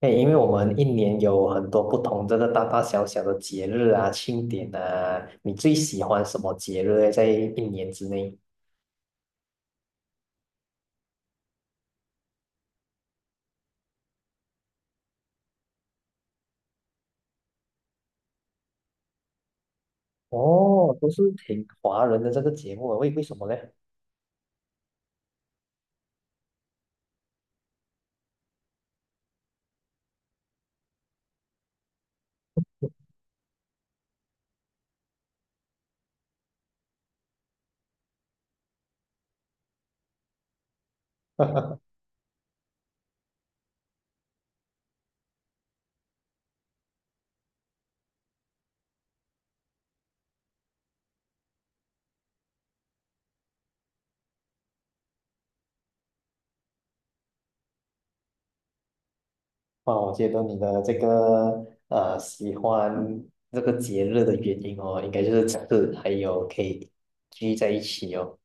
对，因为我们一年有很多不同这个大大小小的节日啊、庆典啊，你最喜欢什么节日呢在一年之内？哦，都是挺华人的这个节目啊，为什么呢？哇，我觉得你的这个喜欢这个节日的原因哦，应该就是这个，还有可以聚在一起哦。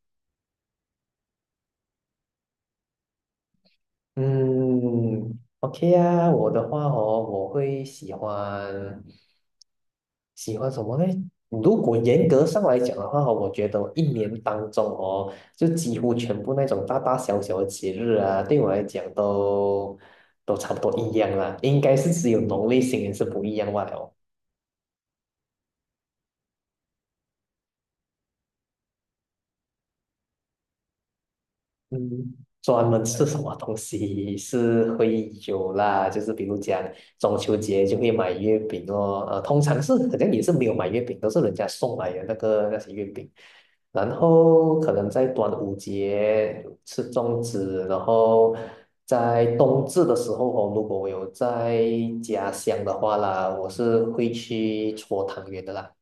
嗯，OK 啊，我的话哦，我会喜欢。喜欢什么呢？如果严格上来讲的话哦，我觉得我一年当中哦，就几乎全部那种大大小小的节日啊，对我来讲都差不多一样啦。应该是只有农历新年是不一样罢哦，嗯，专门吃什么东西是会有啦，就是比如讲中秋节就会买月饼哦，通常是好像也是没有买月饼，都是人家送来的那些月饼。然后可能在端午节吃粽子，然后在冬至的时候哦，如果我有在家乡的话啦，我是会去搓汤圆的啦。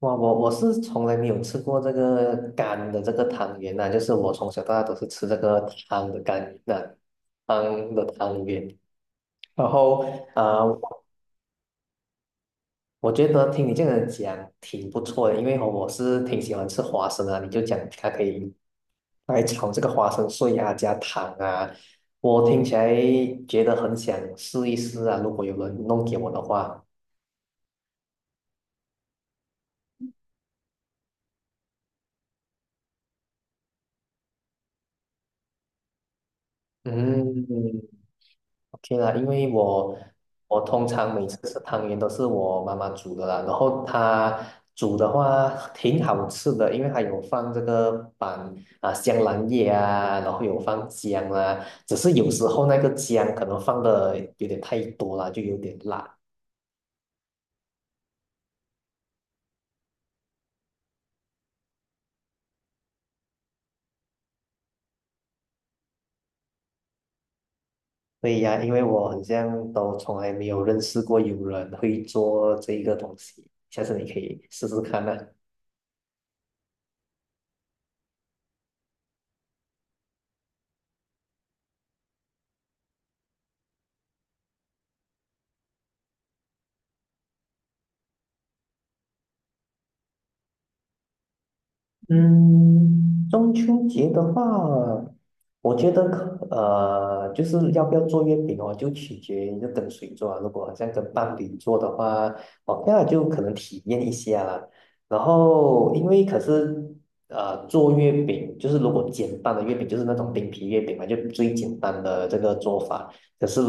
哇，我是从来没有吃过这个干的这个汤圆呐、就是我从小到大都是吃这个汤的干圆呐、汤的汤圆。然后啊、呃我觉得听你这样讲挺不错的，因为哦我是挺喜欢吃花生的。你就讲它可以来炒这个花生碎啊，加糖啊，我听起来觉得很想试一试啊。如果有人弄给我的话，嗯，OK 啦，因为我通常每次吃汤圆都是我妈妈煮的啦，然后她煮的话挺好吃的，因为她有放这个板啊香兰叶啊，然后有放姜啦，只是有时候那个姜可能放的有点太多了，就有点辣。对呀，因为我好像都从来没有认识过有人会做这一个东西，下次你可以试试看呢、嗯，中秋节的话，我觉得就是要不要做月饼哦，就取决于就跟谁做啊。如果好像跟伴侣做的话 o 那就可能体验一下啦。然后，因为可是呃，做月饼就是如果简单的月饼，就是那种饼皮月饼嘛，就最简单的这个做法。可是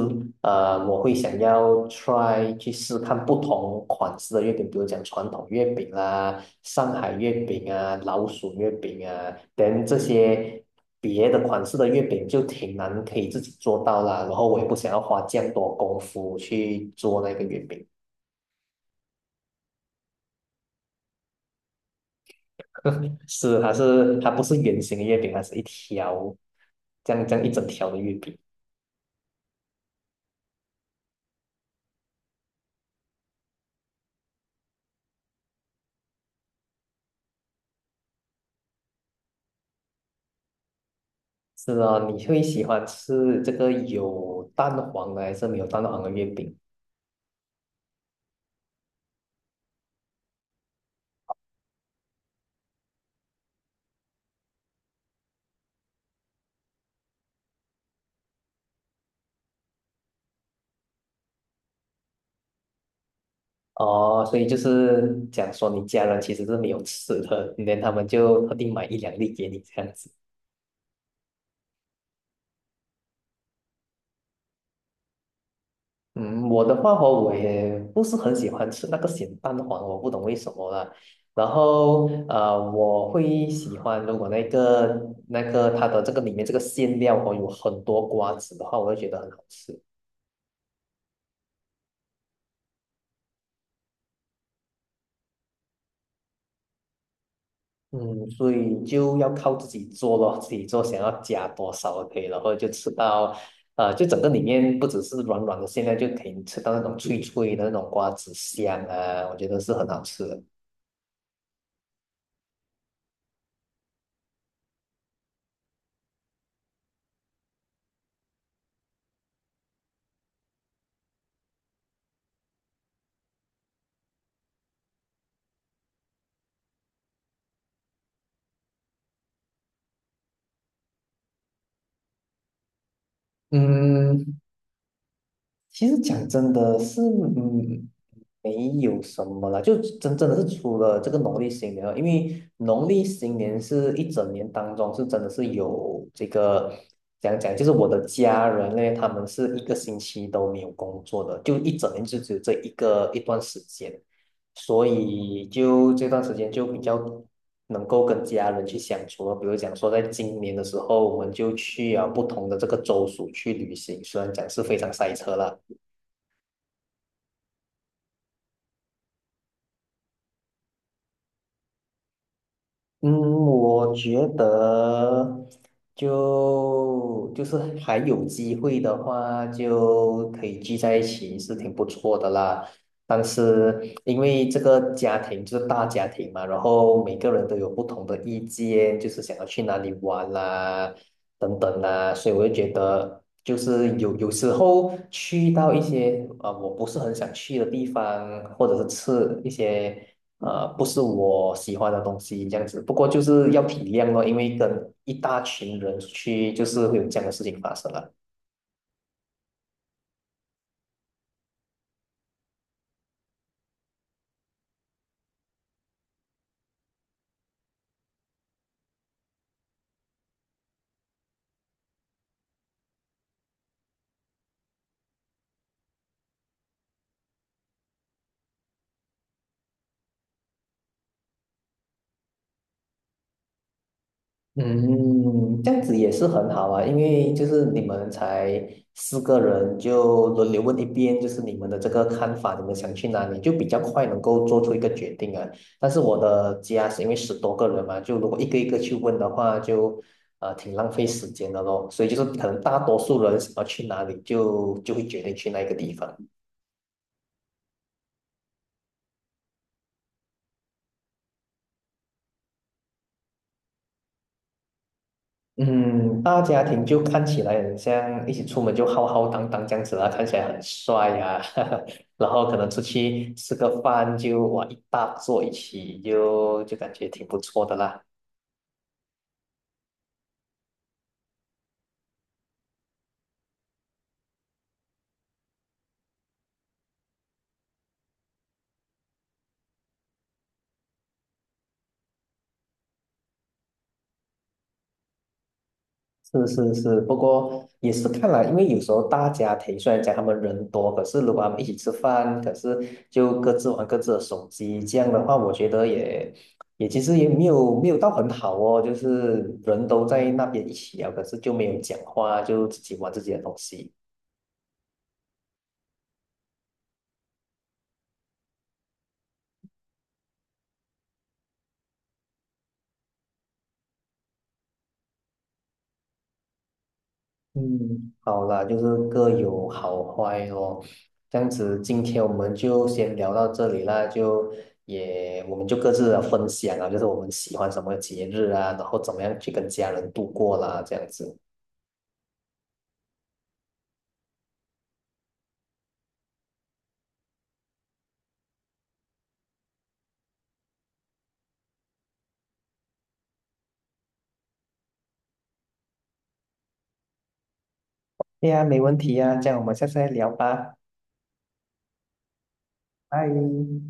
我会想要 try 去试看不同款式的月饼，比如讲传统月饼啦、上海月饼啊、老鼠月饼啊，等这些别的款式的月饼就挺难可以自己做到啦。然后我也不想要花这样多功夫去做那个月饼，它不是圆形的月饼，它是一条这样这样一整条的月饼。是啊，你会喜欢吃这个有蛋黄的还是没有蛋黄的月饼？哦，所以就是讲说你家人其实是没有吃的，连他们就特地买一两粒给你这样子。嗯，我的话哦，我也不是很喜欢吃那个咸蛋黄，我不懂为什么啦。然后我会喜欢如果那个它的这个里面这个馅料哦有很多瓜子的话，我会觉得很好吃。嗯，所以就要靠自己做咯，自己做想要加多少可以，然后就吃到，就整个里面不只是软软的馅料，现在就可以吃到那种脆脆的那种瓜子香啊，我觉得是很好吃的。嗯，其实讲真的是，嗯，没有什么啦，就真的是除了这个农历新年了因为农历新年是一整年当中是真的是有这个讲讲，就是我的家人呢，他们是一个星期都没有工作的，就一整年就只有这一个一段时间，所以就这段时间就比较能够跟家人去相处了。比如讲说，在今年的时候，我们就去啊不同的这个州属去旅行，虽然讲是非常塞车啦。嗯，我觉得就是还有机会的话，就可以聚在一起是挺不错的啦。但是因为这个家庭就是大家庭嘛，然后每个人都有不同的意见，就是想要去哪里玩啦，等等啦，所以我就觉得，就是有时候去到一些啊，我不是很想去的地方，或者是吃一些不是我喜欢的东西这样子。不过就是要体谅咯，因为跟一大群人出去，就是会有这样的事情发生了。嗯，这样子也是很好啊，因为就是你们才四个人，就轮流问一遍，就是你们的这个看法，你们想去哪里，就比较快能够做出一个决定啊。但是我的家是因为十多个人嘛，就如果一个一个去问的话，就挺浪费时间的咯。所以就是可能大多数人想要去哪里就，就会决定去那个地方。嗯，大家庭就看起来很像一起出门就浩浩荡荡这样子啦，看起来很帅呀、啊 然后可能出去吃个饭就哇一大桌一起就感觉挺不错的啦。是是是，不过也是看来，因为有时候大家庭虽然讲他们人多，可是如果他们一起吃饭，可是就各自玩各自的手机，这样的话，我觉得也其实也没有到很好哦，就是人都在那边一起聊，可是就没有讲话，就自己玩自己的东西。嗯，好啦，就是各有好坏咯。这样子，今天我们就先聊到这里啦，就也我们就各自的分享啊，就是我们喜欢什么节日啊，然后怎么样去跟家人度过啦，这样子。对呀，没问题呀，这样我们下次再聊吧，拜。